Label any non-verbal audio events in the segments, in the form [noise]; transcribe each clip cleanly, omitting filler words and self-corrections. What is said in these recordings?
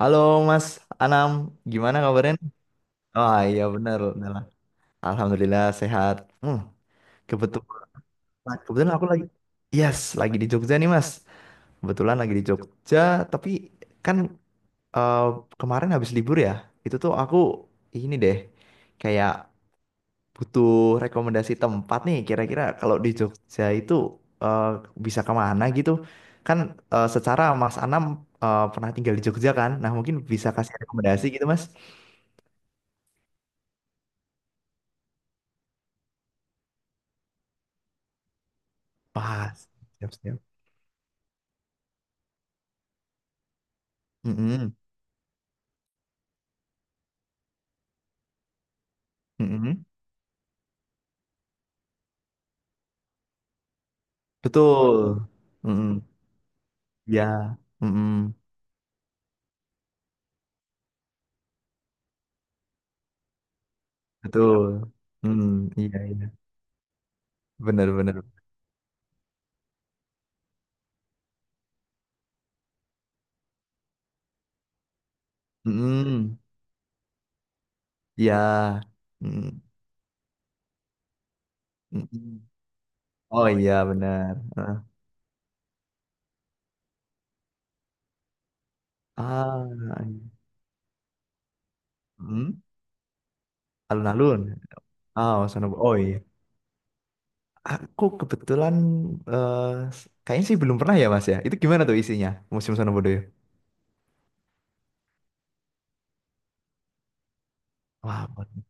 Halo Mas Anam, gimana kabarnya? Oh iya benar, benar. Alhamdulillah sehat. Hmm, kebetulan, kebetulan aku lagi, yes, lagi di Jogja nih Mas. Kebetulan lagi di Jogja, tapi kan eh, kemarin habis libur ya. Itu tuh aku ini deh, kayak butuh rekomendasi tempat nih. Kira-kira kalau di Jogja itu eh, bisa kemana gitu? Kan secara Mas Anam pernah tinggal di Jogja kan? Nah mungkin bisa kasih rekomendasi gitu Mas. Pas. Siap, siap. Mm-mm. Mm-mm. Betul. Mm-mm. Ya. Mm-mm. Betul. Mm. Iya, iya. Benar, benar. Mm-mm. Ya. Mm. Mm-mm. Oh iya, benar. Heeh. Ah, iya. Mm. Alun-alun. Ah, suasana Oh iya. Aku kebetulan eh, kayaknya sih belum pernah ya, Mas ya. Itu gimana tuh isinya? Museum Sonobudoyo? Wah,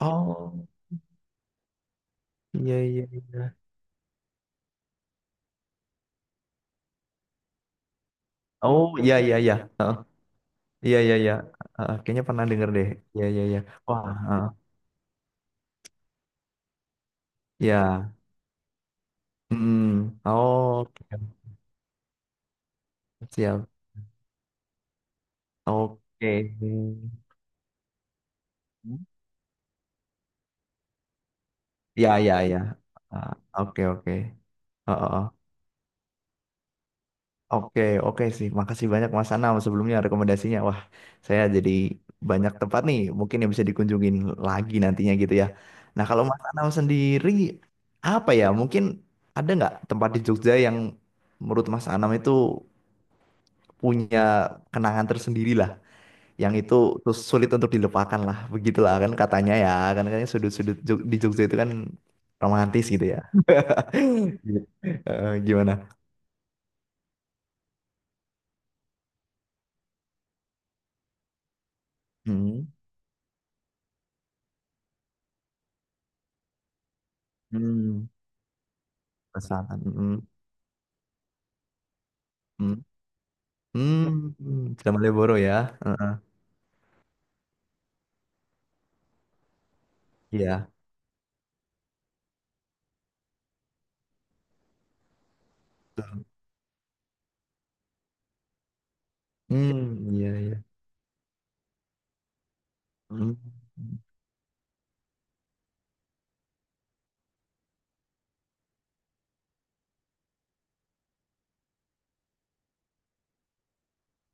Oh, iya iya iya. Oh, iya iya iya. Iya iya iya. Kayaknya pernah denger deh. Iya iya iya. Wah, eh, iya. Mm, Oke. Siap. Oke. Iya iya iya. Ah, Oke oke. Oh, oh, oh. Oke oke sih. Makasih banyak Mas Anam sebelumnya rekomendasinya. Wah, saya jadi banyak tempat nih mungkin yang bisa dikunjungin lagi nantinya gitu ya. Nah, kalau Mas Anam sendiri apa ya? Mungkin ada nggak tempat di Jogja yang menurut Mas Anam itu punya kenangan tersendiri lah yang itu terus sulit untuk dilupakan lah begitulah kan katanya ya kan katanya sudut-sudut di Jogja itu kan romantis gitu ya [laughs] Gimana hmm. Hmm. Pesanan. Hmm. Hmm. Hmm. Sudah Malioboro ya Eh, iya hmm. iya iya hmm. Hmm.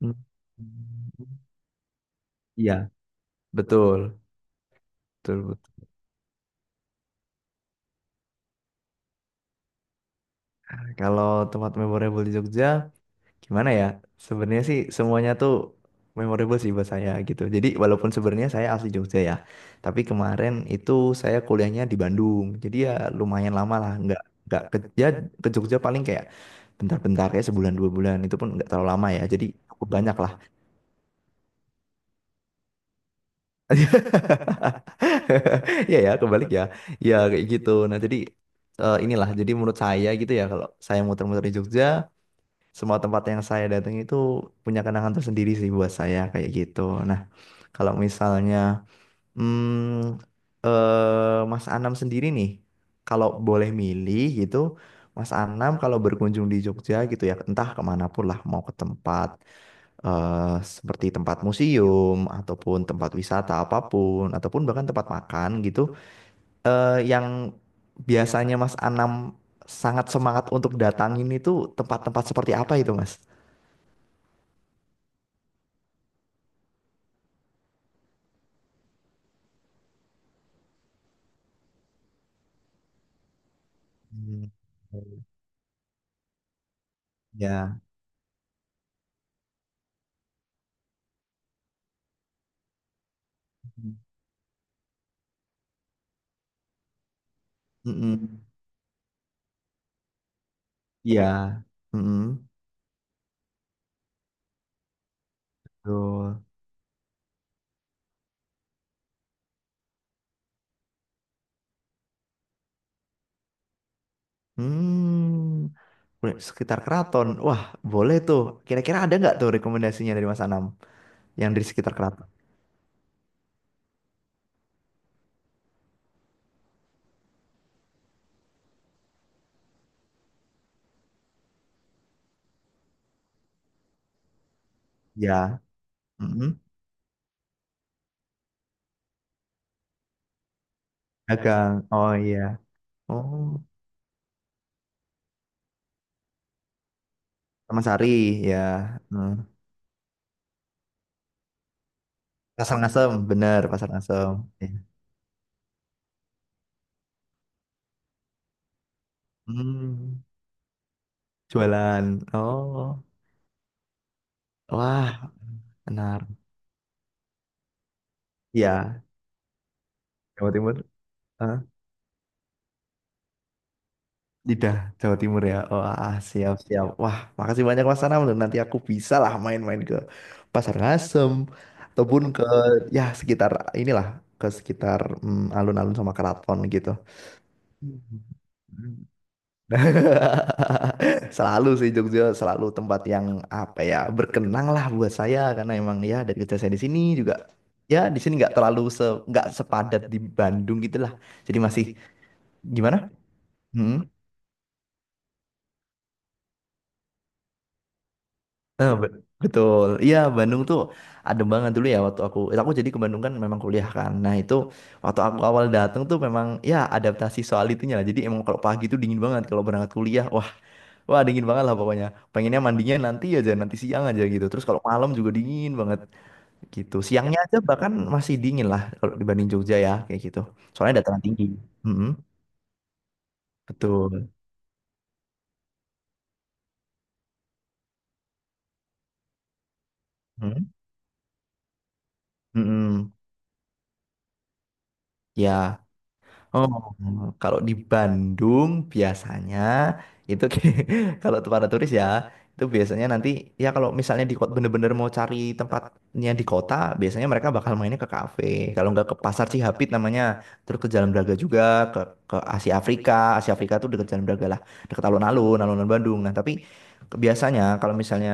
hmm, hmm. Iya betul betul betul kalau tempat memorable di Jogja gimana ya sebenarnya sih semuanya tuh memorable sih buat saya gitu jadi walaupun sebenarnya saya asli Jogja ya tapi kemarin itu saya kuliahnya di Bandung jadi ya lumayan lama lah nggak ke, ya ke Jogja paling kayak bentar-bentar kayak sebulan 2 bulan itu pun nggak terlalu lama ya jadi cukup banyak lah [laughs] ya ya, kebalik ya. Ya kayak gitu. Nah, jadi inilah. Jadi menurut saya gitu ya, kalau saya muter-muter di Jogja, semua tempat yang saya datang itu punya kenangan tersendiri sih buat saya kayak gitu. Nah, kalau misalnya hmm, Mas Anam sendiri nih, kalau boleh milih gitu, Mas Anam kalau berkunjung di Jogja gitu ya, entah kemana pun lah, mau ke tempat seperti tempat museum ataupun tempat wisata apapun, ataupun bahkan tempat makan gitu, yang biasanya Mas Anam sangat semangat untuk datangin itu tempat-tempat seperti apa itu, Mas? Hmm, Ya. Mm-mm. Ya. Mm-mm. Betul. Hmm. Sekitar keraton. Wah, boleh tuh. Kira-kira ada nggak tuh rekomendasinya dari Mas Anam yang di sekitar keraton? Ya. Mm-mm. Dagang. Oh iya. Oh, Taman Sari ya. Hmm. Pasar Ngasem, bener Pasar Ngasem. Ya. Hmm. Jualan. Oh. Wah, benar. Ya, Jawa Timur. Lidah Jawa Timur ya. Wah, siap siap. Wah, makasih banyak Mas Anam. Nanti aku bisa lah main-main ke Pasar Ngasem ataupun ke ya sekitar inilah ke sekitar alun-alun sama keraton gitu. Hmm. [laughs] Selalu sih Jogja selalu tempat yang apa ya berkenang lah buat saya karena emang ya dari kecil saya di sini juga ya di sini nggak terlalu nggak sepadat di Bandung gitu lah. Jadi masih gimana? Hmm? Eh, bet- betul. Iya, Bandung tuh adem banget dulu ya waktu aku. Aku jadi ke Bandung kan memang kuliah kan. Nah, itu waktu aku awal datang tuh memang ya adaptasi soal itunya lah. Jadi emang kalau pagi tuh dingin banget kalau berangkat kuliah. Wah, dingin banget lah pokoknya. Pengennya mandinya nanti aja, nanti siang aja gitu. Terus kalau malam juga dingin banget gitu. Siangnya aja bahkan masih dingin lah kalau dibanding Jogja ya kayak gitu. Soalnya dataran tinggi. Mm-mm, betul. Mm-mm, mm-mm. Ya. Oh, kalau di Bandung biasanya itu [laughs] kalau para turis ya itu biasanya nanti ya kalau misalnya di kota bener-bener mau cari tempatnya di kota biasanya mereka bakal mainnya ke kafe kalau nggak ke pasar Cihapit namanya terus ke Jalan Braga juga ke ke Asia Afrika Asia Afrika tuh deket Jalan Braga lah deket alun-alun Bandung nah tapi biasanya kalau misalnya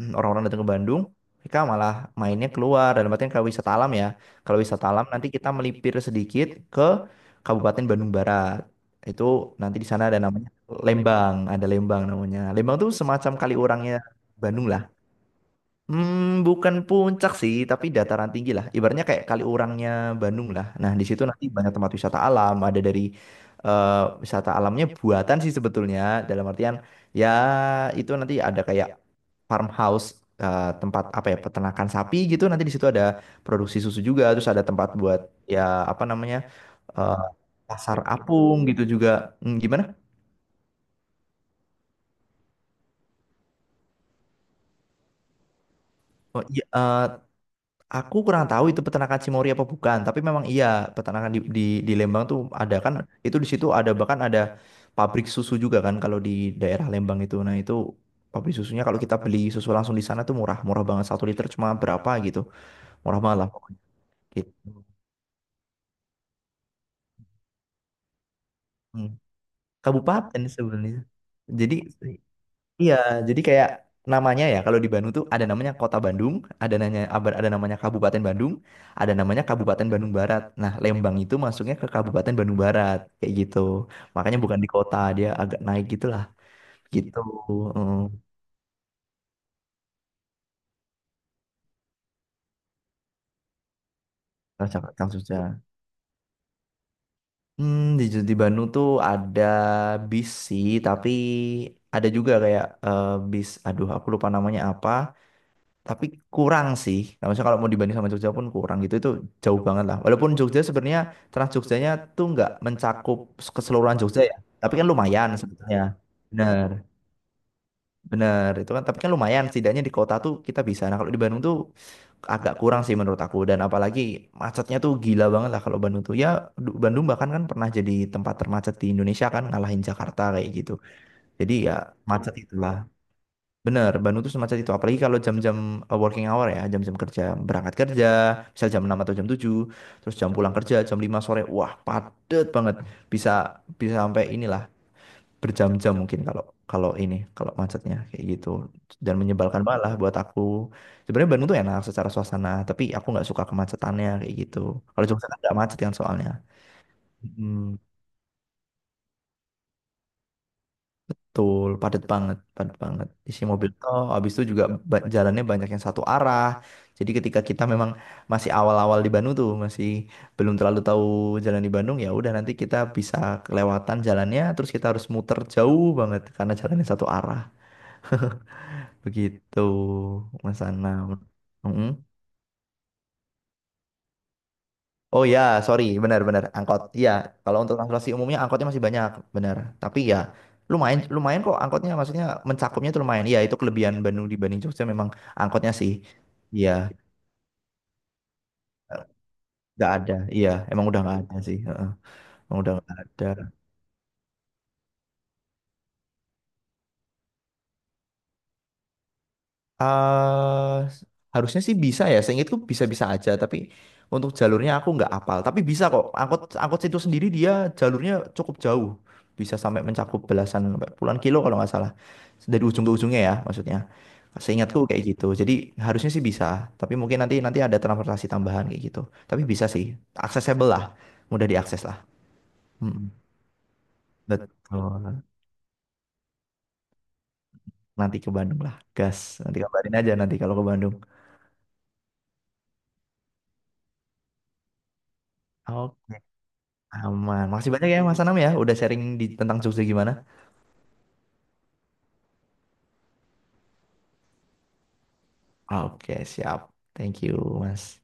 orang-orang datang ke Bandung mereka malah mainnya keluar dalam artian kalau wisata alam ya kalau wisata alam nanti kita melipir sedikit Kabupaten Bandung Barat. Itu nanti di sana ada namanya Lembang, ada Lembang namanya. Lembang tuh semacam kali orangnya Bandung lah. Bukan puncak sih, tapi dataran tinggi lah. Ibaratnya kayak Kaliurangnya Bandung lah. Nah, di situ nanti banyak tempat wisata alam. Ada dari eh, wisata alamnya buatan sih sebetulnya. Dalam artian ya itu nanti ada kayak farmhouse tempat apa ya peternakan sapi gitu. Nanti di situ ada produksi susu juga. Terus ada tempat buat ya apa namanya eh, pasar apung gitu juga. Hmm, gimana? Oh, iya, aku kurang tahu itu peternakan Cimory apa bukan, tapi memang iya peternakan di Lembang tuh ada kan, itu di situ ada bahkan ada pabrik susu juga kan kalau di daerah Lembang itu. Nah itu pabrik susunya kalau kita beli susu langsung di sana tuh murah, murah banget 1 liter cuma berapa gitu, murah banget lah pokoknya. Gitu. Hmm. Kabupaten sebenarnya. Jadi iya, jadi kayak namanya ya kalau di Bandung tuh ada namanya Kota Bandung, ada namanya Kabupaten Bandung, ada namanya Kabupaten Bandung Barat. Nah, Lembang itu masuknya ke Kabupaten Bandung Barat kayak gitu. Makanya bukan di kota, dia agak naik gitulah. Gitu. Heeh. Langsung langsung aja. Hmm, di di Bandung tuh ada bis sih, tapi ada juga kayak bis aduh aku lupa namanya apa. Tapi kurang sih. Nah, maksudnya kalau mau dibanding sama Jogja pun kurang gitu itu jauh banget lah. Walaupun Jogja sebenarnya Trans Jogjanya tuh nggak mencakup keseluruhan Jogja ya, tapi kan lumayan sebenarnya Bener, bener itu kan. Tapi kan lumayan, setidaknya di kota tuh kita bisa. Nah kalau di Bandung tuh agak kurang sih menurut aku. Dan apalagi macetnya tuh gila banget lah kalau Bandung tuh. Ya Bandung bahkan kan pernah jadi tempat termacet di Indonesia kan ngalahin Jakarta kayak gitu. Jadi ya macet itulah. Bener, Bandung tuh semacam itu. Apalagi kalau jam-jam working hour ya, jam-jam kerja, berangkat kerja, misal jam 6 atau jam 7, terus jam pulang kerja jam 5 sore. Wah, padet banget. Bisa bisa sampai inilah berjam-jam mungkin kalau kalau ini, kalau macetnya kayak gitu. Dan menyebalkan malah buat aku. Sebenarnya Bandung tuh enak secara suasana, tapi aku nggak suka kemacetannya kayak gitu. Kalau Jogja kan nggak macet kan soalnya. Hmm. Betul, padat banget, padat banget. Isi mobil tol, habis itu juga jalannya banyak yang satu arah. Jadi ketika kita memang masih awal-awal di Bandung tuh, masih belum terlalu tahu jalan di Bandung, ya udah nanti kita bisa kelewatan jalannya, terus kita harus muter jauh banget karena jalannya satu arah. [laughs] Begitu, Mas Anam. Oh ya, sorry, benar-benar angkot. Iya, kalau untuk transportasi umumnya angkotnya masih banyak, benar. Tapi ya lumayan, lumayan kok angkotnya, maksudnya mencakupnya itu lumayan. Iya, itu kelebihan Bandung dibanding Jogja memang angkotnya sih. Iya, nggak ada. Iya, emang udah nggak ada sih. Heeh, Emang udah nggak ada. eh harusnya sih bisa ya. Seingatku bisa-bisa aja, tapi untuk jalurnya aku nggak apal. Tapi bisa kok. Angkot angkot situ sendiri dia jalurnya cukup jauh. Bisa sampai mencakup belasan sampai puluhan kilo kalau nggak salah. Dari ujung ke ujungnya ya, maksudnya. Seingatku kayak gitu. Jadi harusnya sih bisa, tapi mungkin nanti nanti ada transportasi tambahan kayak gitu. Tapi bisa sih, accessible lah, mudah diakses lah. Mm-mm. Betul. Nanti ke Bandung lah, gas. Nanti kabarin aja nanti kalau ke Bandung. Oh, aman. Makasih banyak ya Mas Anam ya, udah sharing di tentang Jogja gimana. Oke, siap. Thank you, Mas.